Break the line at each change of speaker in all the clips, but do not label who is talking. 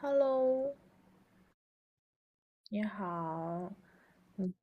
Hello。你好。嗯。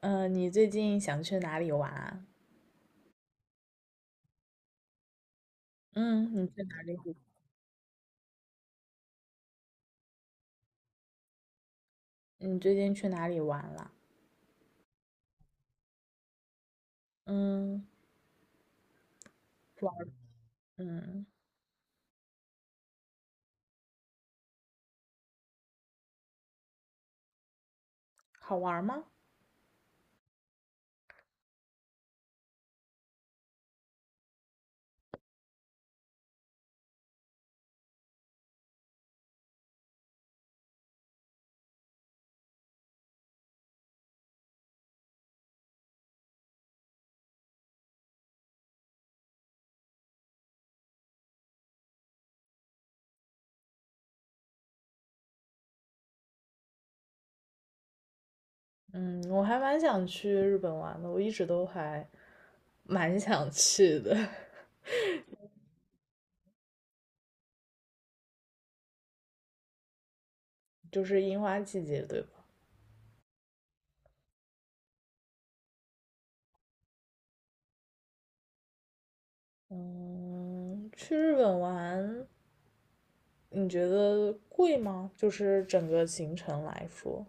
你最近想去哪里玩啊？嗯。你去哪里？你最近去哪里玩了？嗯。玩。嗯。好玩吗？嗯，我还蛮想去日本玩的，我一直都还蛮想去的。就是樱花季节，对吧？嗯，去日本玩，你觉得贵吗？就是整个行程来说。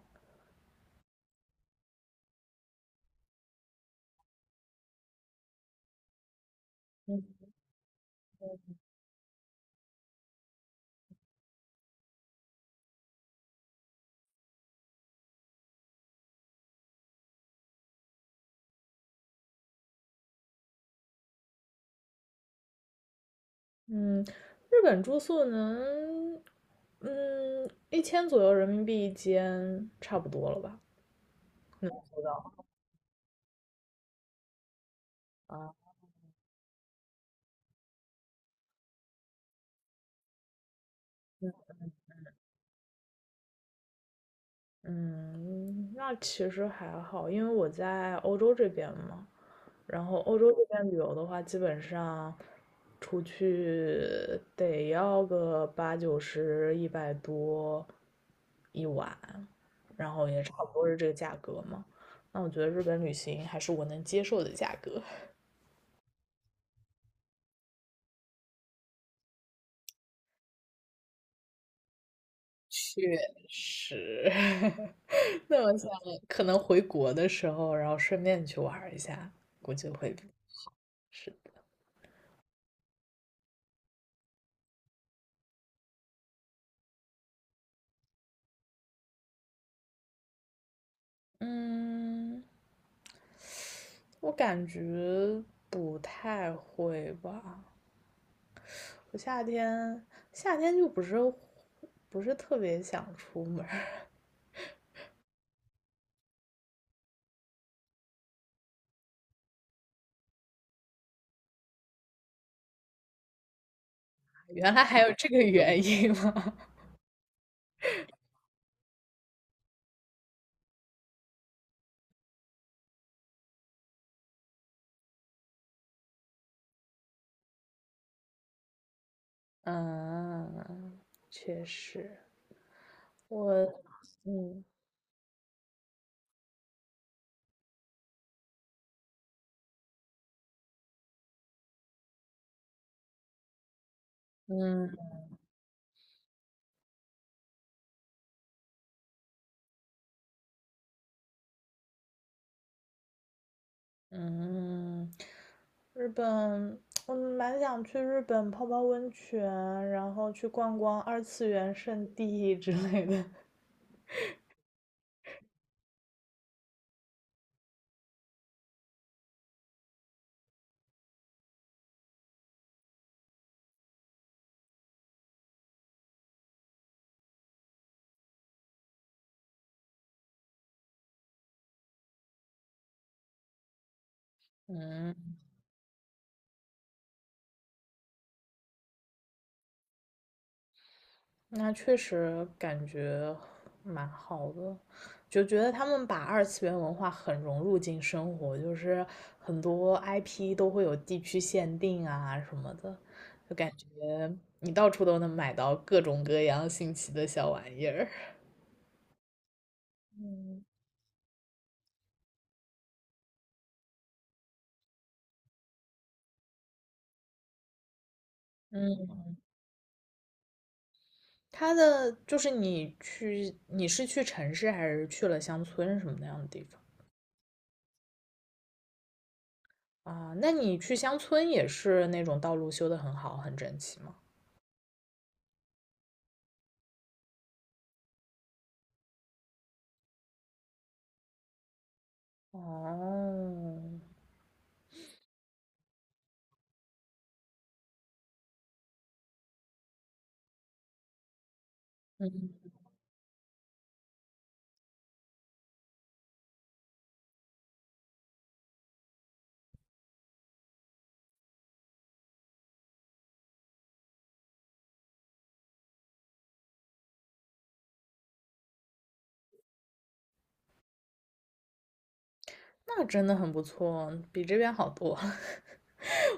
嗯，日本住宿能1000左右人民币一间，差不多了吧？能做到啊？嗯，那其实还好，因为我在欧洲这边嘛。然后欧洲这边旅游的话，基本上出去得要个八九十、100多一晚，然后也差不多是这个价格嘛。那我觉得日本旅行还是我能接受的价格。确实。那我想可能回国的时候，然后顺便去玩儿一下，估计会是的。嗯，我感觉不太会吧。我夏天就不是特别想出门儿。 原来还有这个原因吗？嗯，确实。我嗯嗯嗯，日本。我蛮想去日本泡泡温泉，然后去逛逛二次元圣地 之类的。嗯，那确实感觉蛮好的，就觉得他们把二次元文化很融入进生活，就是很多 IP 都会有地区限定啊什么的，就感觉你到处都能买到各种各样新奇的小玩意儿。嗯，它的就是你去，你是去城市还是去了乡村什么那样的地方啊？那你去乡村也是那种道路修的很好，很整齐吗？哦，那真的很不错，比这边好多。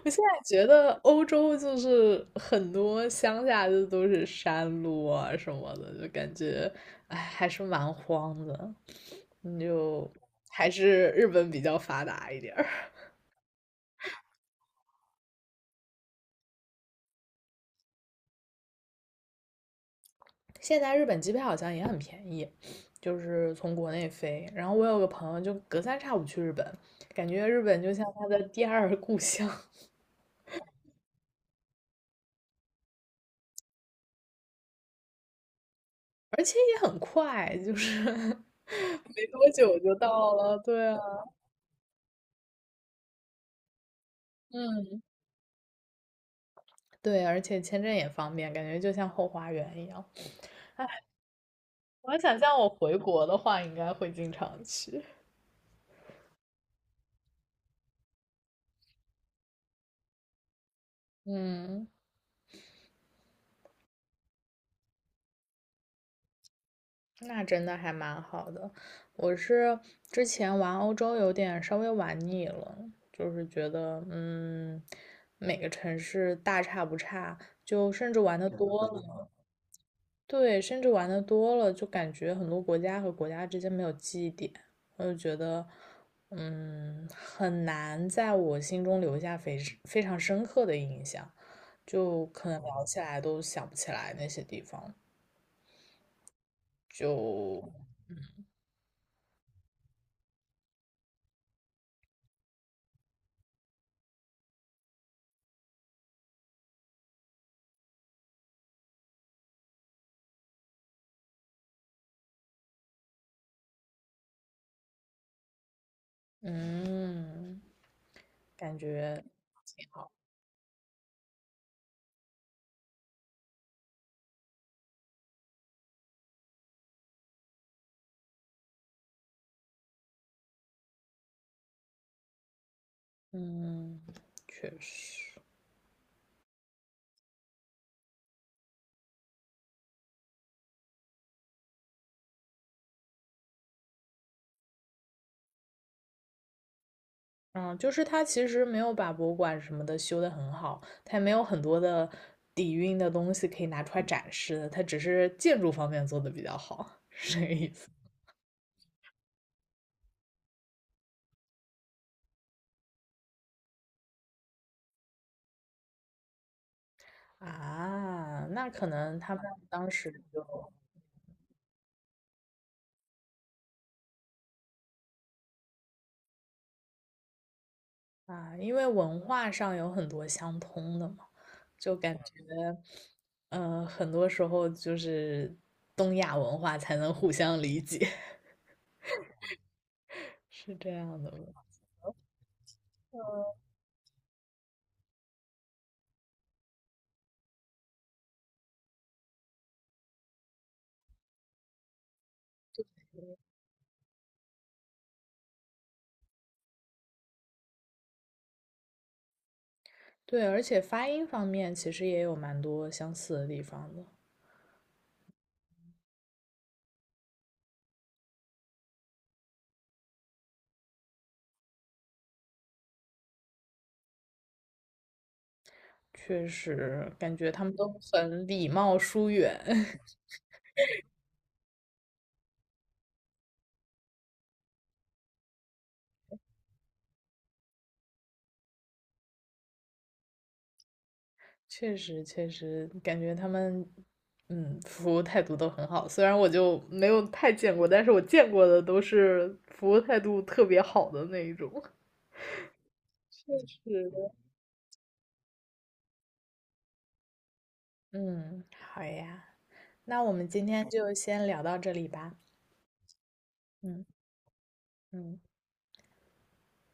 我现在觉得欧洲就是很多乡下就都是山路啊什么的，就感觉哎还是蛮荒的。你就还是日本比较发达一点儿。现在日本机票好像也很便宜，就是从国内飞。然后我有个朋友就隔三差五去日本，感觉日本就像他的第二故乡，而且也很快，就是 没多久就到了。对啊。嗯。对，而且签证也方便，感觉就像后花园一样。我想象我回国的话，应该会经常去。嗯，那真的还蛮好的。我是之前玩欧洲有点稍微玩腻了，就是觉得每个城市大差不差，就甚至玩的多了，对，甚至玩的多了，就感觉很多国家和国家之间没有记忆点，我就觉得很难在我心中留下非常深刻的印象，就可能聊起来都想不起来那些地方。就嗯。感觉挺好。嗯，确实，嗯，就是他其实没有把博物馆什么的修得很好，他也没有很多的底蕴的东西可以拿出来展示的，它只是建筑方面做得比较好，是这个意思。啊，那可能他们当时就啊。因为文化上有很多相通的嘛，就感觉，很多时候就是东亚文化才能互相理解。是这样的吗？对，而且发音方面其实也有蛮多相似的地方的，确实感觉他们都很礼貌疏远。确实确实感觉他们，嗯，服务态度都很好。虽然我就没有太见过，但是我见过的都是服务态度特别好的那一种。确实的。嗯，好呀，那我们今天就先聊到这里吧。嗯嗯。